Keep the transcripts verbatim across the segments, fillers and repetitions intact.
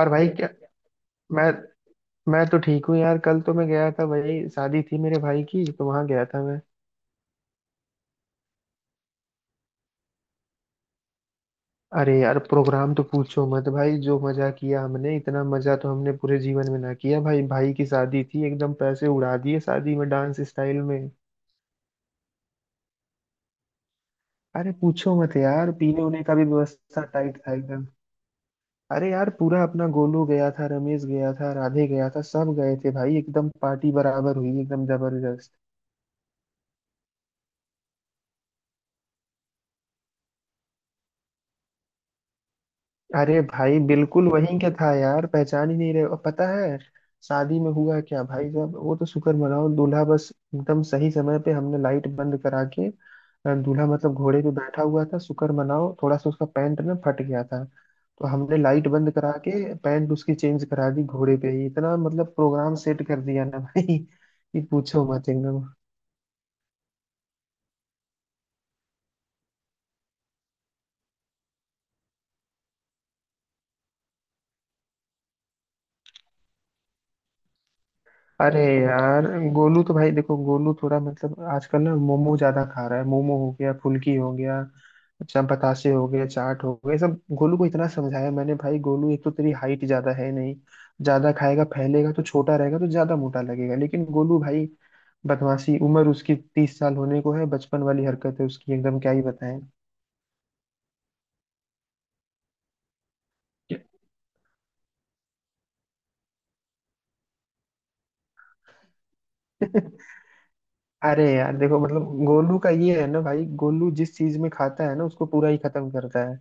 और भाई क्या मैं मैं तो ठीक हूँ यार। कल तो मैं गया था भाई, शादी थी मेरे भाई की, तो वहां गया था मैं। अरे यार प्रोग्राम तो पूछो मत भाई, जो मजा किया हमने इतना मजा तो हमने पूरे जीवन में ना किया। भाई भाई की शादी थी, एकदम पैसे उड़ा दिए शादी में डांस स्टाइल में। अरे पूछो मत यार, पीने उने का भी व्यवस्था टाइट था एकदम। अरे यार पूरा अपना गोलू गया था, रमेश गया था, राधे गया था, सब गए थे भाई, एकदम पार्टी बराबर हुई एकदम जबरदस्त। अरे भाई बिल्कुल वही, क्या था यार, पहचान ही नहीं रहे। और पता है शादी में हुआ क्या भाई साहब, वो तो शुक्र मनाओ, दूल्हा बस एकदम सही समय पे हमने लाइट बंद करा के अ, दूल्हा मतलब घोड़े पे बैठा हुआ था, शुक्र मनाओ थोड़ा सा उसका पैंट ना फट गया था। तो हमने लाइट बंद करा के पैंट उसकी चेंज करा दी घोड़े पे ही, इतना मतलब प्रोग्राम सेट कर दिया ना भाई कि पूछो मत एकदम। अरे यार गोलू तो भाई देखो, गोलू थोड़ा मतलब आजकल ना मोमो ज्यादा खा रहा है, मोमो हो गया, फुल्की हो गया, अच्छा बतासे हो गए, चाट हो गए सब। गोलू को इतना समझाया मैंने भाई, गोलू एक तो तेरी हाइट ज्यादा है नहीं, ज्यादा खाएगा फैलेगा तो छोटा रहेगा तो ज्यादा मोटा लगेगा, लेकिन गोलू भाई बदमाशी, उम्र उसकी तीस साल होने को है, बचपन वाली हरकत है उसकी एकदम, क्या ही बताएं। अरे यार देखो, मतलब गोलू का ये है ना भाई, गोलू जिस चीज में खाता है ना उसको पूरा ही खत्म करता है।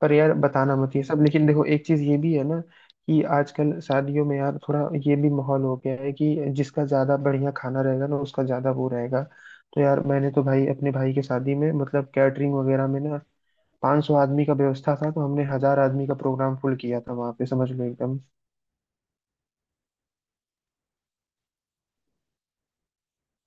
पर यार बताना मत ये सब। लेकिन देखो एक चीज ये भी है ना कि आजकल शादियों में यार थोड़ा ये भी माहौल हो गया है कि जिसका ज्यादा बढ़िया खाना रहेगा ना उसका ज्यादा वो रहेगा। तो यार मैंने तो भाई अपने भाई की शादी में मतलब कैटरिंग वगैरह में ना पाँच सौ आदमी का व्यवस्था था, तो हमने हजार आदमी का प्रोग्राम फुल किया था वहां पे, समझ लो एकदम।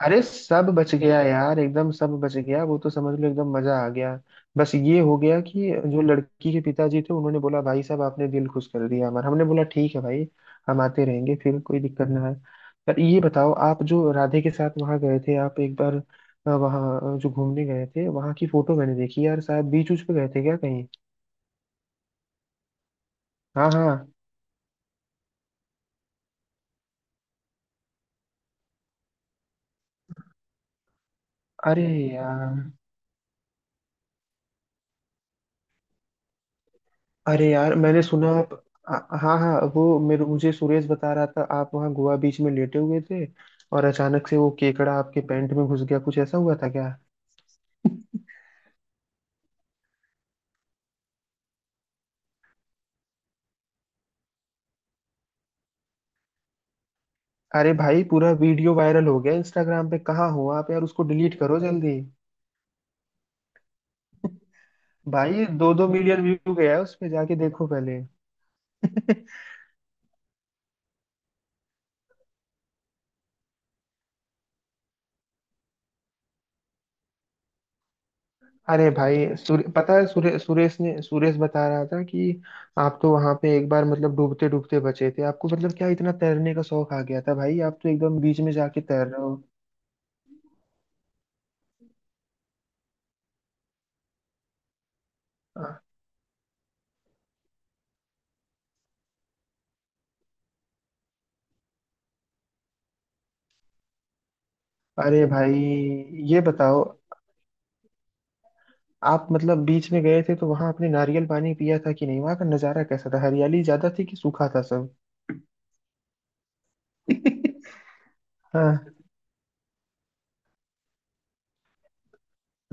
अरे सब बच गया यार, एकदम सब बच गया, वो तो समझ लो एकदम मजा आ गया। बस ये हो गया कि जो लड़की के पिताजी थे उन्होंने बोला भाई साहब आपने दिल खुश कर दिया हमारा, हमने बोला ठीक है भाई, हम आते रहेंगे, फिर कोई दिक्कत ना है। पर ये बताओ, आप जो राधे के साथ वहां गए थे, आप एक बार अ, वहाँ जो घूमने गए थे, वहां की फोटो मैंने देखी यार, शायद बीच उच पे गए थे क्या कहीं। हाँ हाँ। अरे यार। अरे यार मैंने सुना आप, आ- हाँ हाँ, वो मेरे मुझे सुरेश बता रहा था आप वहाँ गोवा बीच में लेटे हुए थे, और अचानक से वो केकड़ा आपके पैंट में घुस गया, कुछ ऐसा हुआ था क्या। अरे भाई पूरा वीडियो वायरल हो गया इंस्टाग्राम पे, कहाँ हो आप यार, उसको डिलीट करो जल्दी। भाई दो दो मिलियन व्यू गया है उस पे, जाके देखो पहले। अरे भाई सुरे, पता है सुरे, सुरेश ने सुरेश बता रहा था कि आप तो वहां पे एक बार मतलब डूबते डूबते बचे थे, आपको मतलब क्या इतना तैरने का शौक आ गया था भाई, आप तो एकदम बीच में जाके तैर रहे हो। अरे भाई ये बताओ, आप मतलब बीच में गए थे तो वहां आपने नारियल पानी पिया था कि नहीं, वहां का नजारा कैसा था, हरियाली ज्यादा थी कि सूखा था सब। हाँ।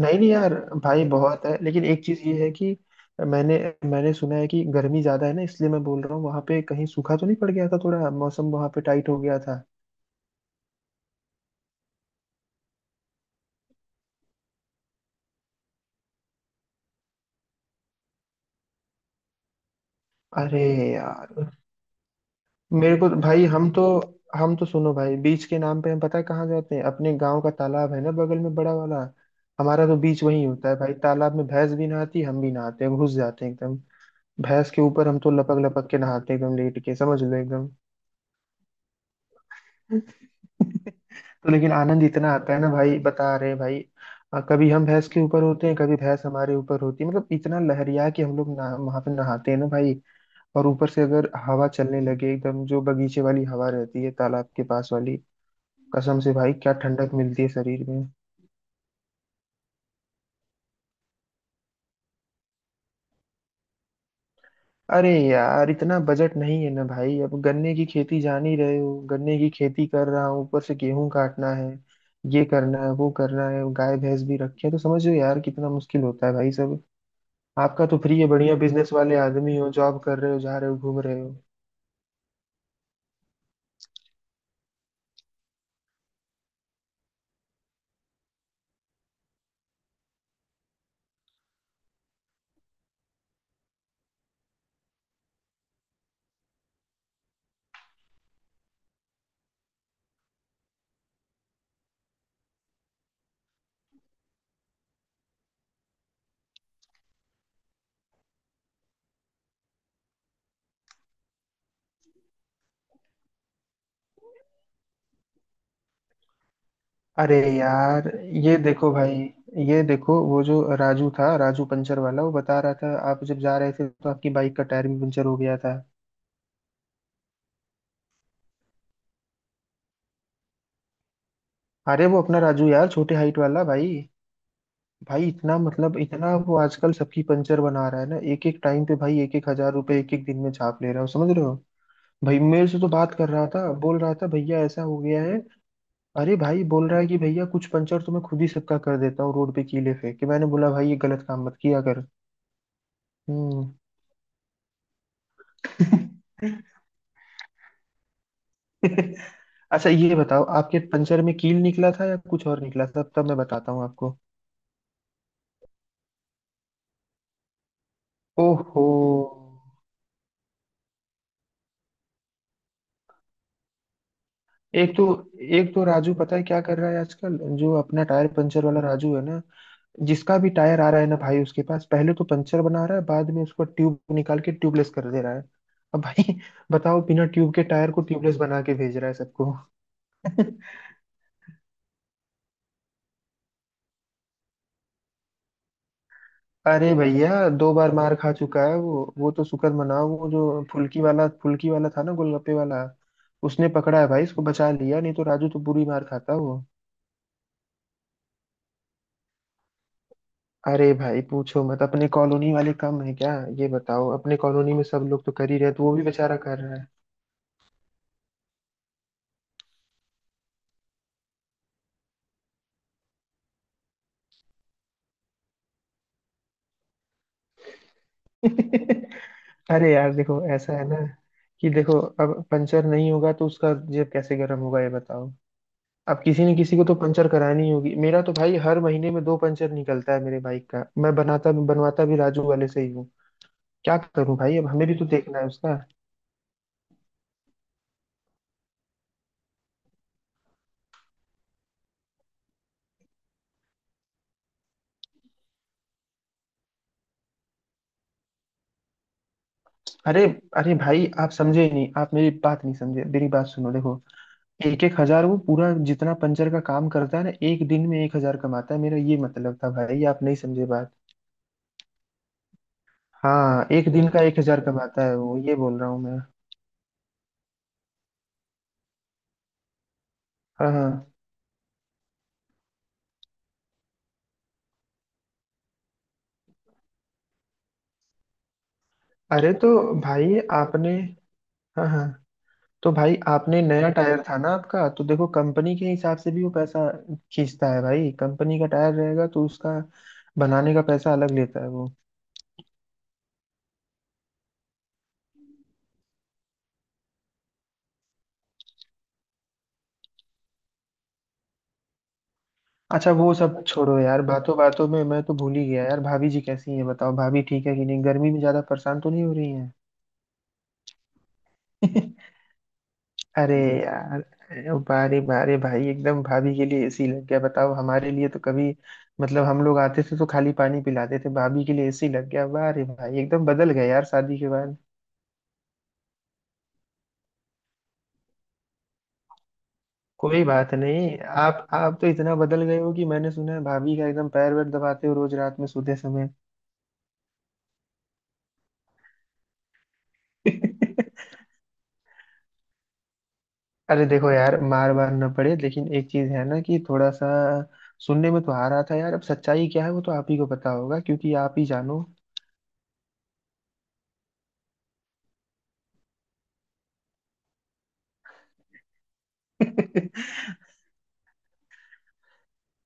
नहीं नहीं यार, भाई बहुत है, लेकिन एक चीज ये है कि मैंने मैंने सुना है कि गर्मी ज्यादा है ना, इसलिए मैं बोल रहा हूँ वहां पे कहीं सूखा तो नहीं पड़ गया था, थोड़ा मौसम वहां पे टाइट हो गया था। अरे यार मेरे को तो, भाई हम तो, हम तो सुनो भाई, बीच के नाम पे हम पता है कहाँ जाते हैं, अपने गांव का तालाब है ना बगल में बड़ा वाला, हमारा तो बीच वही होता है भाई। तालाब में भैंस भी नहाती, हम भी नहाते हैं, घुस जाते हैं एकदम भैंस के ऊपर, हम तो लपक लपक के नहाते हैं एकदम लेट के, समझ लो एकदम। तो लेकिन आनंद इतना आता है ना भाई, बता रहे हैं भाई। अ, कभी हम भैंस के ऊपर होते हैं, कभी भैंस हमारे ऊपर होती है, मतलब इतना लहरिया कि हम लोग ना वहां पे नहाते हैं ना भाई। और ऊपर से अगर हवा चलने लगे एकदम, जो बगीचे वाली हवा रहती है तालाब के पास वाली, कसम से भाई क्या ठंडक मिलती है शरीर में। अरे यार इतना बजट नहीं है ना भाई, अब गन्ने की खेती जान ही रहे हो, गन्ने की खेती कर रहा हूँ, ऊपर से गेहूं काटना है, ये करना है, वो करना है, गाय भैंस भी रखी है, तो समझ लो यार कितना मुश्किल होता है भाई सब। आपका तो फ्री है, बढ़िया बिजनेस वाले आदमी हो, जॉब कर रहे हो, जा रहे हो, घूम रहे हो। अरे यार ये देखो भाई, ये देखो वो जो राजू था, राजू पंचर वाला, वो बता रहा था आप जब जा रहे थे तो आपकी बाइक का टायर भी पंचर हो गया था। अरे वो अपना राजू यार, छोटे हाइट वाला भाई। भाई इतना मतलब, इतना वो आजकल सबकी पंचर बना रहा है ना, एक एक टाइम पे भाई, एक एक हजार रुपए एक एक दिन में छाप ले रहा हूँ, समझ रहे हो। भाई मेरे से तो बात कर रहा था, बोल रहा था भैया ऐसा हो गया है। अरे भाई बोल रहा है कि भैया कुछ पंचर तो मैं खुद ही सबका कर देता हूँ रोड पे कीले फेंक के, मैंने बोला भाई ये गलत काम मत किया कर। हम्म। अच्छा ये बताओ, आपके पंचर में कील निकला था या कुछ और निकला था, तब मैं बताता हूँ आपको। ओहो। एक तो एक तो राजू पता है क्या कर रहा है आजकल, जो अपना टायर पंचर वाला राजू है ना, जिसका भी टायर आ रहा है ना भाई उसके पास, पहले तो पंचर बना रहा है, बाद में उसको ट्यूब निकाल के ट्यूबलेस कर दे रहा है। अब भाई बताओ, बिना ट्यूब के टायर को ट्यूबलेस बना के भेज रहा है सबको। अरे भैया दो बार मार खा चुका है वो वो तो शुक्र मनाओ वो जो फुल्की वाला, फुल्की वाला था ना गोलगप्पे वाला, उसने पकड़ा है भाई, इसको बचा लिया, नहीं तो राजू तो बुरी मार खाता वो। अरे भाई पूछो मत, अपने कॉलोनी वाले कम है क्या, ये बताओ, अपने कॉलोनी में सब लोग तो कर ही रहे हैं, तो वो भी बेचारा कर रहा है। अरे यार देखो ऐसा है ना कि देखो, अब पंचर नहीं होगा तो उसका जेब कैसे गर्म होगा, ये बताओ। अब किसी न किसी को तो पंचर करानी होगी, मेरा तो भाई हर महीने में दो पंचर निकलता है मेरे बाइक का, मैं बनाता भी बनवाता भी राजू वाले से ही हूँ, क्या करूं भाई, अब हमें भी तो देखना है उसका। अरे। अरे भाई आप समझे ही नहीं, आप मेरी बात नहीं समझे, मेरी बात सुनो, देखो एक एक हजार वो पूरा जितना पंचर का काम करता है ना एक दिन में एक हजार कमाता है, मेरा ये मतलब था भाई, आप नहीं समझे बात। हाँ एक दिन का एक हजार कमाता है वो, ये बोल रहा हूँ मैं। हाँ हाँ। अरे तो भाई आपने, हाँ हाँ, तो भाई आपने नया टायर था ना आपका, तो देखो कंपनी के हिसाब से भी वो पैसा खींचता है भाई, कंपनी का टायर रहेगा तो उसका बनाने का पैसा अलग लेता है वो। अच्छा वो सब छोड़ो यार, बातों बातों में मैं तो भूल ही गया यार, भाभी जी कैसी हैं बताओ, भाभी ठीक है कि नहीं, गर्मी में ज्यादा परेशान तो नहीं हो रही हैं। अरे यार बारे बारे भाई, एकदम भाभी के लिए एसी लग गया, बताओ, हमारे लिए तो कभी मतलब हम लोग आते थे तो खाली पानी पिलाते थे, भाभी के लिए एसी लग गया, बारे भाई, एकदम बदल गए यार शादी के बाद। कोई बात नहीं, आप आप तो इतना बदल गए हो कि मैंने सुना है भाभी का एकदम पैर वैर दबाते हो रोज रात में सोते समय। अरे देखो यार, मार वार न पड़े, लेकिन एक चीज है ना कि थोड़ा सा सुनने में तो आ रहा था यार, अब सच्चाई क्या है वो तो आप ही को पता होगा, क्योंकि आप ही जानो।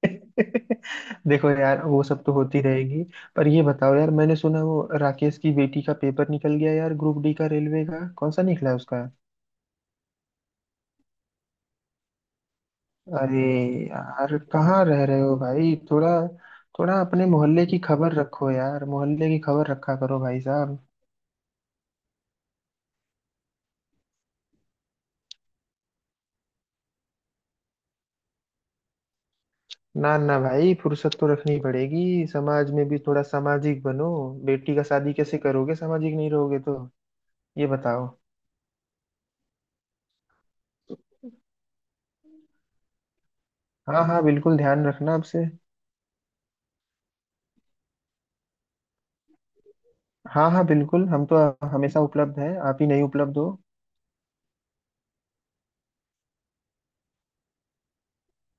देखो यार वो सब तो होती रहेगी। पर ये बताओ यार, मैंने सुना वो राकेश की बेटी का पेपर निकल गया यार, ग्रुप डी का रेलवे का, कौन सा निकला उसका। अरे यार कहाँ रह रहे हो भाई, थोड़ा थोड़ा अपने मोहल्ले की खबर रखो यार, मोहल्ले की खबर रखा करो भाई साहब। ना ना भाई फुर्सत तो रखनी पड़ेगी, समाज में भी थोड़ा सामाजिक बनो, बेटी का शादी कैसे करोगे सामाजिक नहीं रहोगे तो, ये बताओ। हाँ हाँ बिल्कुल ध्यान रखना आपसे। हाँ हाँ बिल्कुल, हम तो हमेशा उपलब्ध हैं, आप ही नहीं उपलब्ध हो।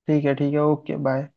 ठीक है ठीक है, ओके बाय।